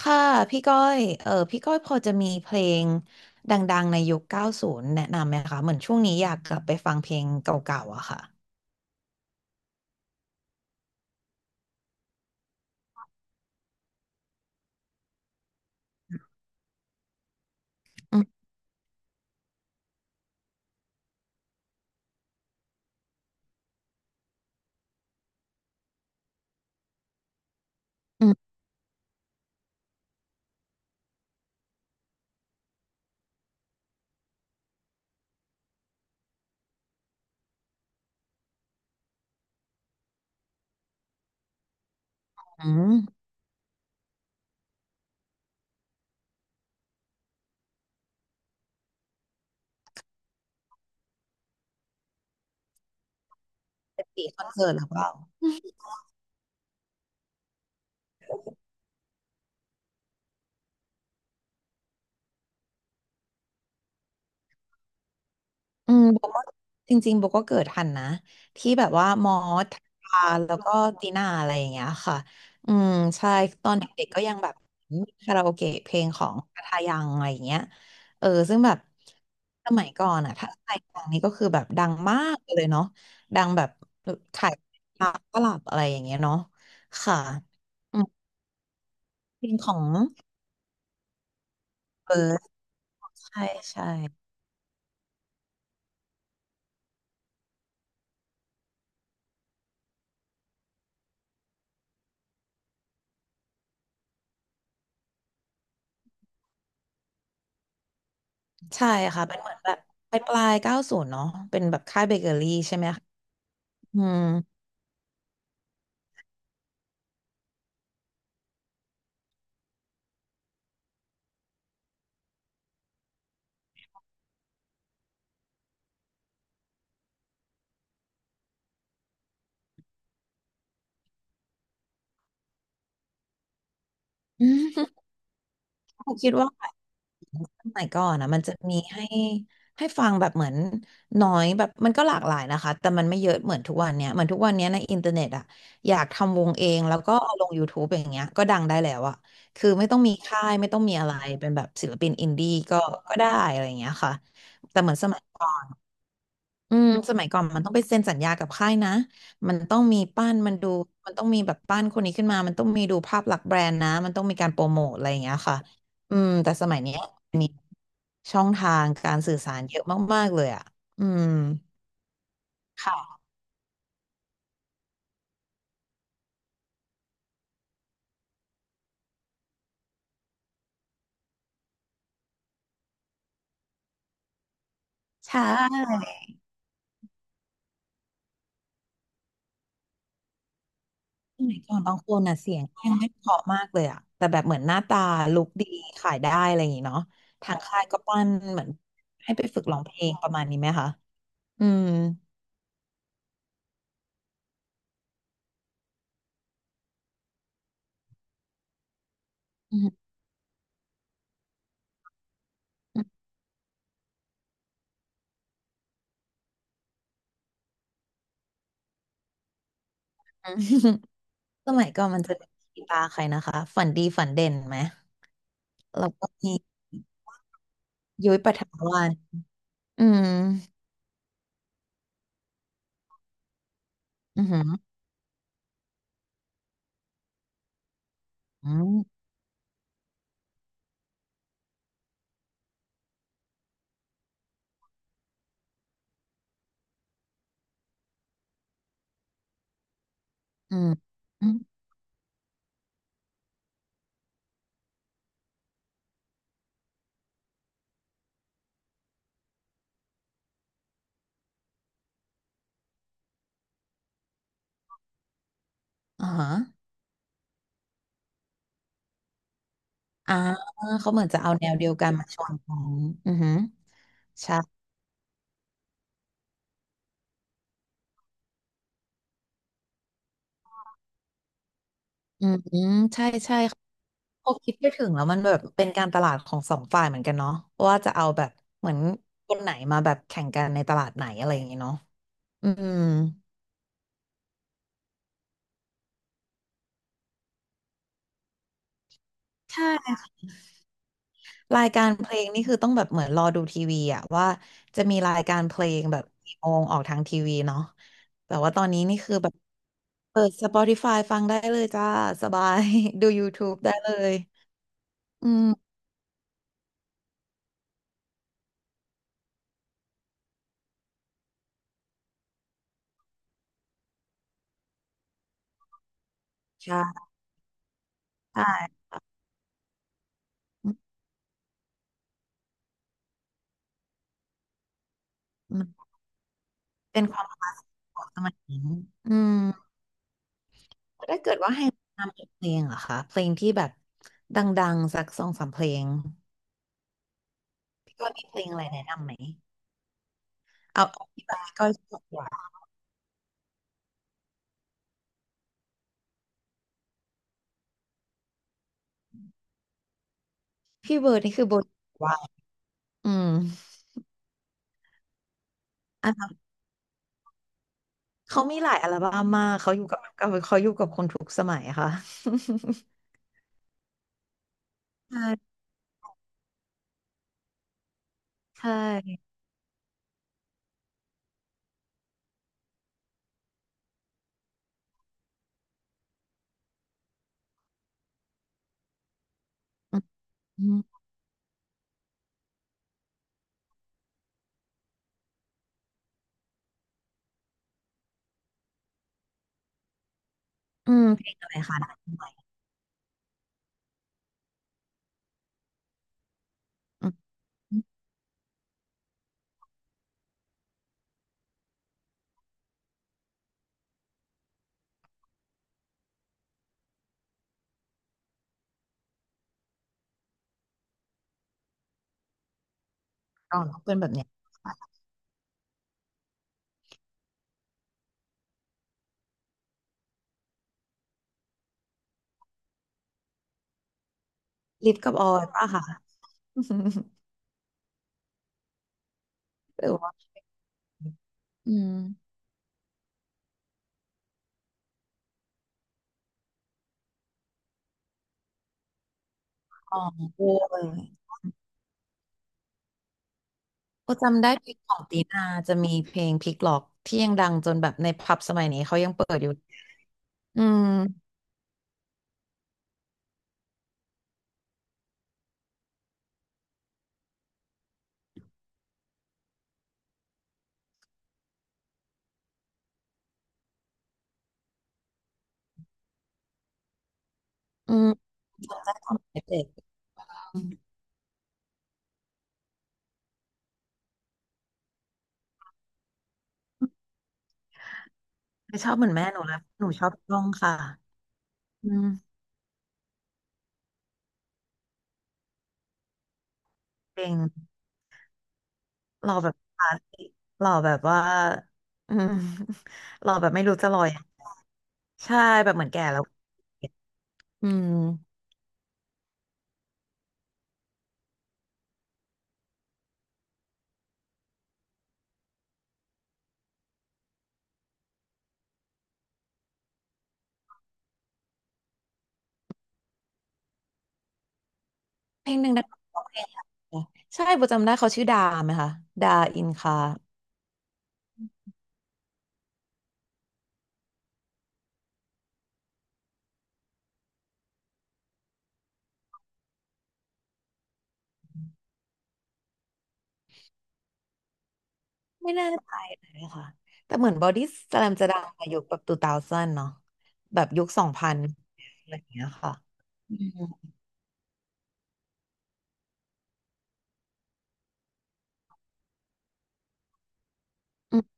ค่ะพี่ก้อยพี่ก้อยพอจะมีเพลงดังๆในยุค90แนะนำไหมคะเหมือนช่วงนี้อยากกลับไปฟังเพลงเก่าๆอะค่ะอืมอืมอืมเป็นปีคอนเสิร์ตหรือเปล่า อืมโบก็จริงๆโบก็เกิดทันนะที่แบบว่ามอสทาแล้วก็ตีน่าอะไรอย่างเงี้ยค่ะอืมใช่ตอนเด็กๆก็ยังแบบมีคาราโอเกะเพลงของทาทายังอะไรอย่างเงี้ยซึ่งแบบสมัยก่อนอะถ้าใครฟังนี่ก็คือแบบดังมากเลยเนาะดังแบบขายตลับอะไรอย่างเงี้ยเนาะค่ะอืมเพลงของเออใช่ใช่ใช่ค่ะเป็นเหมือนแบบปลายเก้าศูนย์เนาะเป็นแบบค่ายเบเกอรี่ใช่ไหม อืม อืมผมคิดว่าสมัยก่อนอ่ะมันจะมีให้ให้ฟังแบบเหมือนน้อยแบบมันก็หลากหลายนะคะแต่มันไม่เยอะเหมือนทุกวันเนี้ยเหมือนทุกวันเนี้ยในอินเทอร์เน็ตอ่ะอยากทำวงเองแล้วก็เอาลง YouTube อย่างเงี้ยก็ดังได้แล้วอ่ะคือไม่ต้องมีค่ายไม่ต้องมีอะไรเป็นแบบศิลปินอินดี้ก็ได้อะไรอย่างเงี้ยค่ะแต่เหมือนสมัยก่อน อืมสมัยก่อนมันต้องไปเซ็นสัญญากับค่ายนะมันต้องมีป้านมันดูมันต้องมีแบบป้านคนนี้ขึ้นมามันต้องมีดูภาพลักษณ์แบรนด์นะมันต้องมีการโปรโมทอะไรอย่างเงี้ยค่ะอืมแต่สมัยเนี้ยอันนี้ช่องทางการสื่อสารเยอะมากๆเลยอ่ะอืมค่ะใช่สมัยก่อนบางคนอ่ะเสียงยังไม่เพราะมากเลยอ่ะแต่แบบเหมือนหน้าตาลุคดีขายได้อะไรอย่างงี้เนาะทางค่ายก็ปั้นเหมือนให้ไปฝึกร้องเพลงประมาณนี้ไหมคะอืมอืม สมัยก่อนมันจะมีตาใครนะคะฝันดีฝันเด่นไหมแล้วก็มียุ้ยปฐมวาลอืมอือหืออืมอืมอืมอ่าฮะอ่าเขาเหมือนจะเอาแนวเดียวกันมาชนกันอือหือใช่อืมอืมใช่ใช่พอคิดไปถึงแล้วมันแบบเป็นการตลาดของสองฝ่ายเหมือนกันเนาะว่าจะเอาแบบเหมือนคนไหนมาแบบแข่งกันในตลาดไหนอะไรอย่างเงี้ยเนาะอืมใช่ รายการเพลงนี่คือต้องแบบเหมือนรอดูทีวีอะว่าจะมีรายการเพลงแบบกี่โมงออกทางทีวีเนาะแต่ว่าตอนนี้นี่คือแบบเปิด Spotify ฟังได้เลยจ้าสบาย ดู YouTube ได้เลยอืมใช่ใช่มันเป็นความคลาสสิกของสมัยนี้อืมถ้าเกิดว่าให้แนะนำเพลงเหรอคะเพลงที่แบบดังๆสักสองสามเพลงพี่ก้อยมีเพลงอะไรแนะนำไหมเอาเอาที่แบบพี่ก้อยชอบดีกว่าพี่เบิร์ดนี่คือโบทว่าอืมอัน เขามีหลายอัลบั้มมากเขาอยู่กับเขาอยู่กับคนทุกสมัยค่ะ ใช่ใช่อืมอืมเพลงอะไรคะนะอืมลองร้องเป็นแบบเนี้ยลิฟกับออยป่ะค่ะ หรือว่าอืมของโอ้ยโอ้จำได้เพลงของตีนาจะมีเพลงพลิกล็อกที่ยังดังจนแบบในผับสมัยนี้เขายังเปิดอยู่อืมอืมจำได้ตอนเด็กๆอืมไม่ชอบเหมือนแม่หนูแล้วหนูชอบร้องค่ะอืมเพลง หล่อแบบคลาสสิกหล่อแบบว่า อืม หล่อแบบไม่รู้จะหล่อยังไงใช่แบบเหมือนแก่แล้วอืมเพลงหนึ่งนะคะร้องเพลงอะไรนะใช่ประจำได้เขาชื่อดาไหมคะ ดาอินคาไม่แน่ใจเลยค่ะแต่เหมือนบอดี้สแลมจะดังในยุคแบบตูเตาเซนเนาะแบบยุคสองพันอะไรอย่างเงี้ยค่ะอืมอืม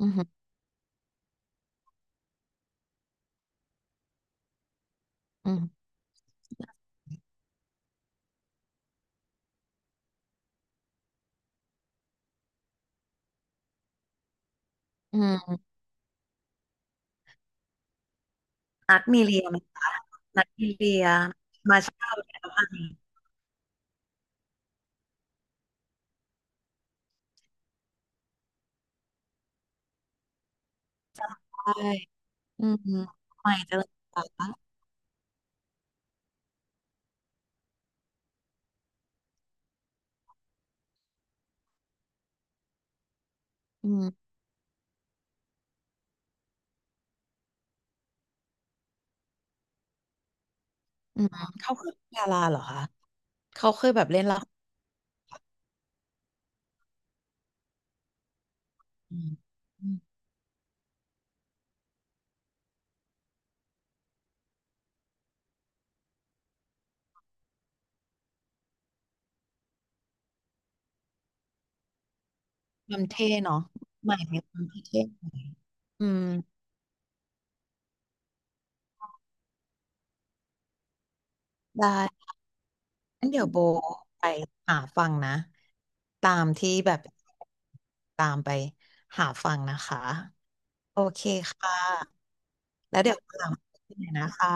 อืมอืมอืมนัดมีเรียไหมคะนัดมีเรีย มาเช่าแล้วอะไรใช่ อืมใหม่เจริญปาอืมอืมเขาคือดาราเหรอคะเขาเคยแบบเล่นละครอืมอืมความเท่เนาะใหม่ในความที่เท่หน่อยอืมได้งั้นเดี๋ยวโบไปหาฟังนะตามที่แบบตามไปหาฟังนะคะโอเคค่ะแล้วเดี๋ยวตามไปนะคะ